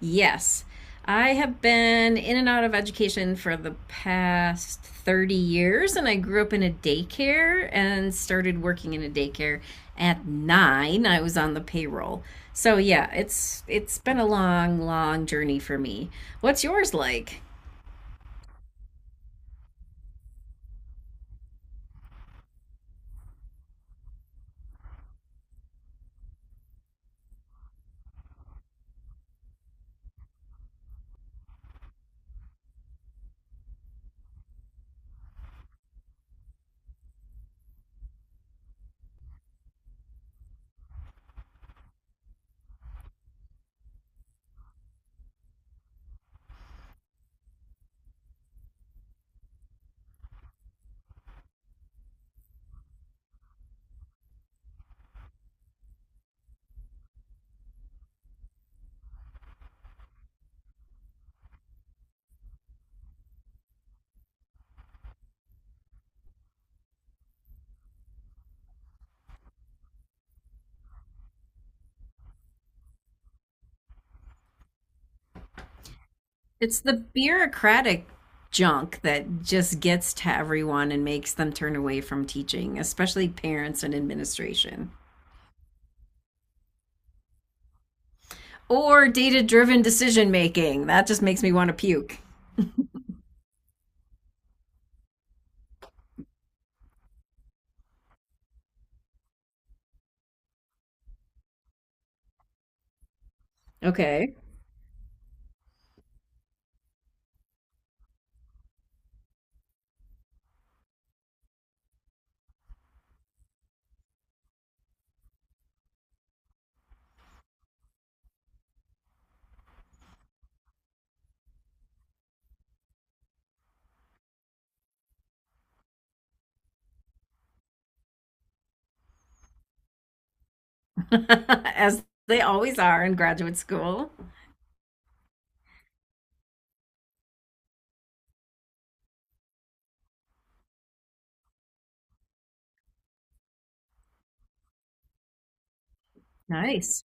Yes. I have been in and out of education for the past 30 years, and I grew up in a daycare and started working in a daycare at nine. I was on the payroll. So yeah, it's been a long, long journey for me. What's yours like? It's the bureaucratic junk that just gets to everyone and makes them turn away from teaching, especially parents and administration. Or data driven decision making. That just makes me want to puke. Okay. As they always are in graduate school. Nice.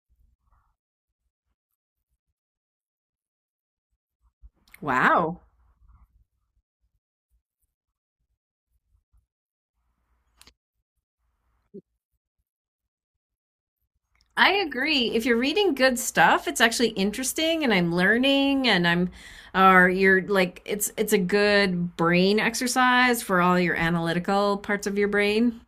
Wow. I agree. If you're reading good stuff, it's actually interesting and I'm learning and I'm or you're like it's a good brain exercise for all your analytical parts of your brain.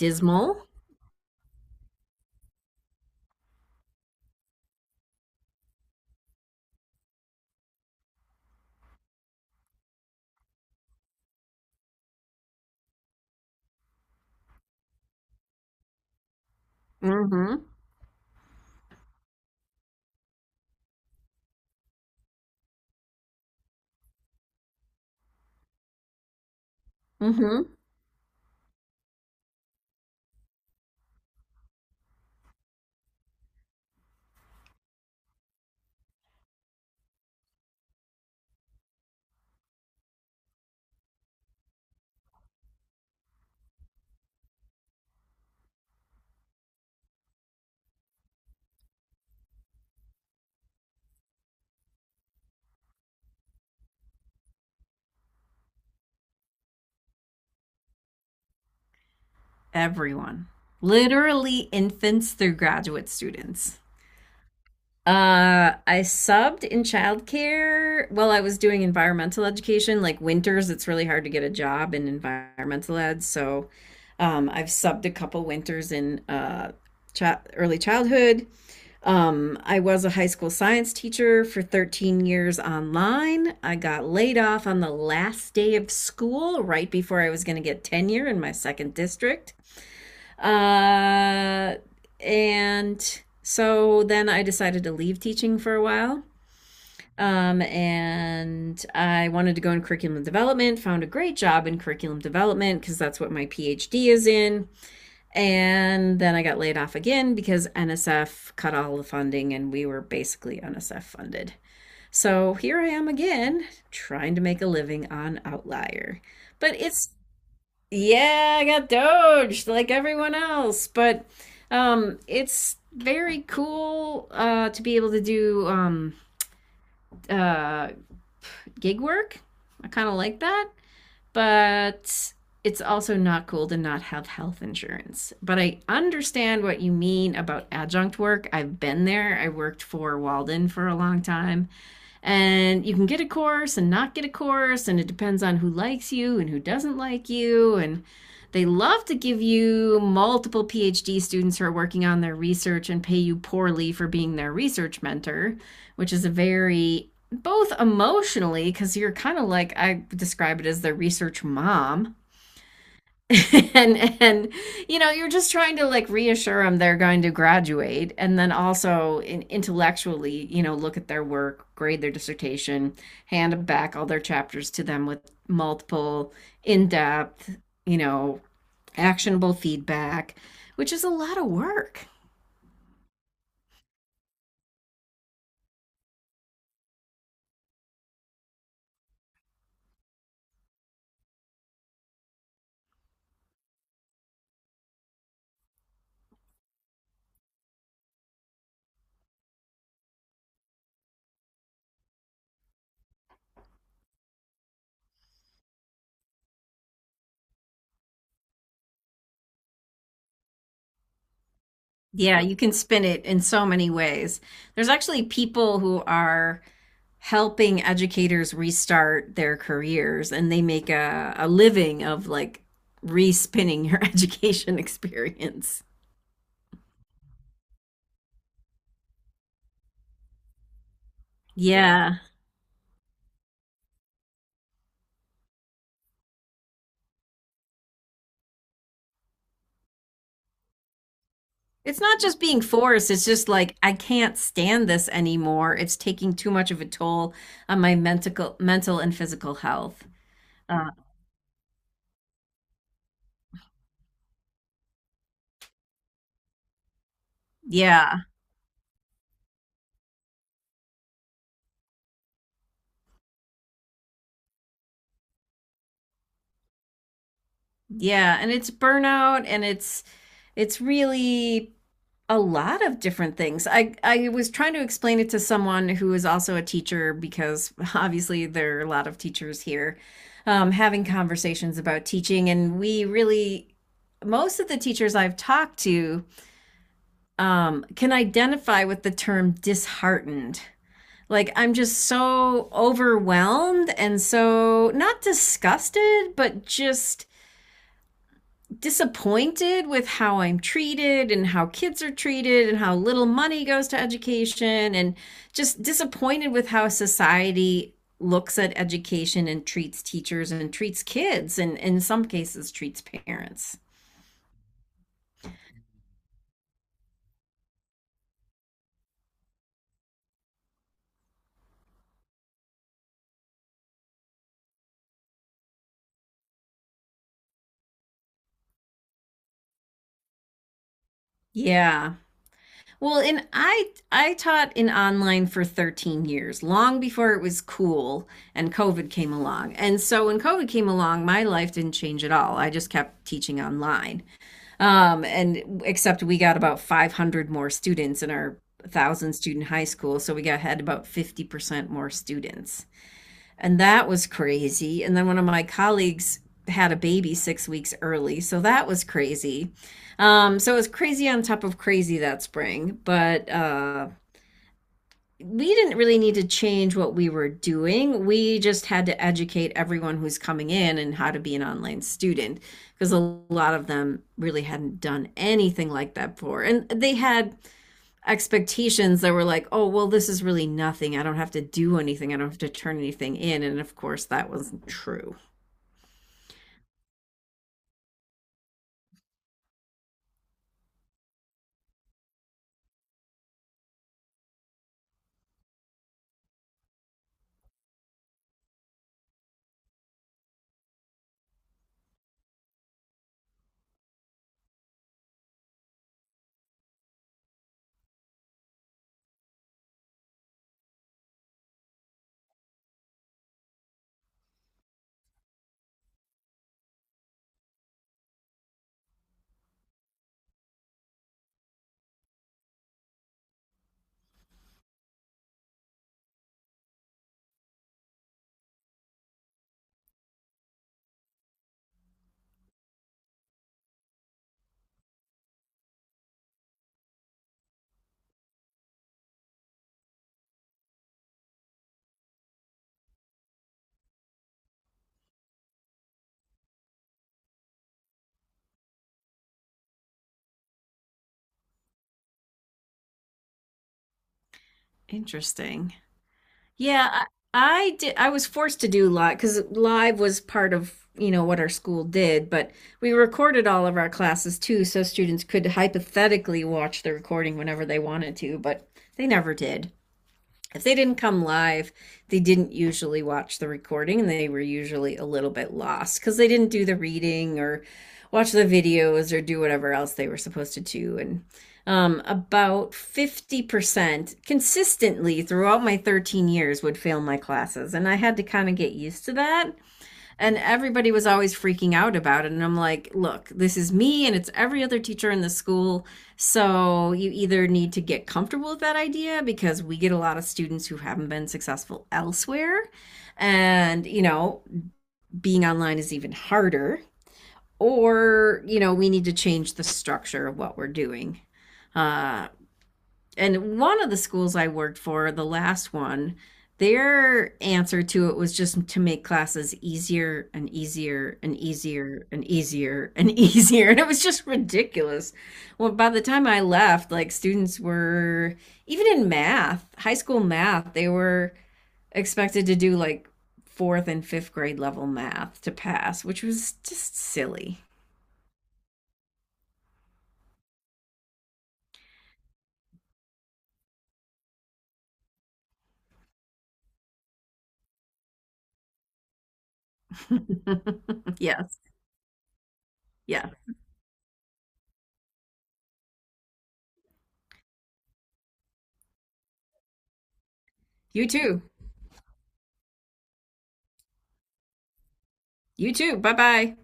Dismal. Mm-hmm. Mm-hmm. Everyone. Literally infants through graduate students. I subbed in childcare. Well, I was doing environmental education. Like winters, it's really hard to get a job in environmental ed. So, I've subbed a couple winters in early childhood. I was a high school science teacher for 13 years online. I got laid off on the last day of school, right before I was going to get tenure in my second district. Uh, and so then I decided to leave teaching for a while. And I wanted to go in curriculum development, found a great job in curriculum development because that's what my PhD is in. And then I got laid off again because NSF cut all the funding and we were basically NSF funded. So here I am again trying to make a living on Outlier. But it's, yeah, I got doged like everyone else, but it's very cool to be able to do uh gig work. I kind of like that, but it's also not cool to not have health insurance. But I understand what you mean about adjunct work. I've been there. I worked for Walden for a long time, and you can get a course and not get a course, and it depends on who likes you and who doesn't like you. And they love to give you multiple PhD students who are working on their research and pay you poorly for being their research mentor, which is a very, both emotionally, because you're kind of like, I describe it as the research mom, and you know you're just trying to like reassure them they're going to graduate, and then also intellectually, you know, look at their work, grade their dissertation, hand them back all their chapters to them with multiple in-depth, you know, actionable feedback, which is a lot of work. Yeah, you can spin it in so many ways. There's actually people who are helping educators restart their careers, and they make a living of like respinning your education experience. Yeah. It's not just being forced, it's just like I can't stand this anymore. It's taking too much of a toll on my mental and physical health. Uh, yeah. Yeah, and it's burnout and it's really a lot of different things. I was trying to explain it to someone who is also a teacher because obviously there are a lot of teachers here, having conversations about teaching, and we really, most of the teachers I've talked to, can identify with the term disheartened. Like I'm just so overwhelmed and so not disgusted, but just disappointed with how I'm treated and how kids are treated and how little money goes to education, and just disappointed with how society looks at education and treats teachers and treats kids and in some cases treats parents. Yeah. Well, and I taught in online for 13 years, long before it was cool and COVID came along. And so when COVID came along, my life didn't change at all. I just kept teaching online. And except we got about 500 more students in our thousand student high school, so we got had about 50% more students, and that was crazy. And then one of my colleagues had a baby 6 weeks early, so that was crazy. So it was crazy on top of crazy that spring, but we didn't really need to change what we were doing. We just had to educate everyone who's coming in and how to be an online student because a lot of them really hadn't done anything like that before. And they had expectations that were like, oh, well, this is really nothing. I don't have to do anything. I don't have to turn anything in. And of course, that wasn't true. Interesting. Yeah, I did. I was forced to do live because live was part of, you know, what our school did, but we recorded all of our classes too, so students could hypothetically watch the recording whenever they wanted to, but they never did. If they didn't come live, they didn't usually watch the recording, and they were usually a little bit lost because they didn't do the reading or watch the videos or do whatever else they were supposed to do. And about 50% consistently throughout my 13 years would fail my classes. And I had to kind of get used to that, and everybody was always freaking out about it, and I'm like, look, this is me and it's every other teacher in the school, so you either need to get comfortable with that idea because we get a lot of students who haven't been successful elsewhere, and you know, being online is even harder, or you know, we need to change the structure of what we're doing. uh, and one of the schools I worked for, the last one, their answer to it was just to make classes easier and easier and easier and easier and easier. And it was just ridiculous. Well, by the time I left, like students were, even in math, high school math, they were expected to do like fourth and fifth grade level math to pass, which was just silly. Yes. Yeah. You too. You too. Bye bye.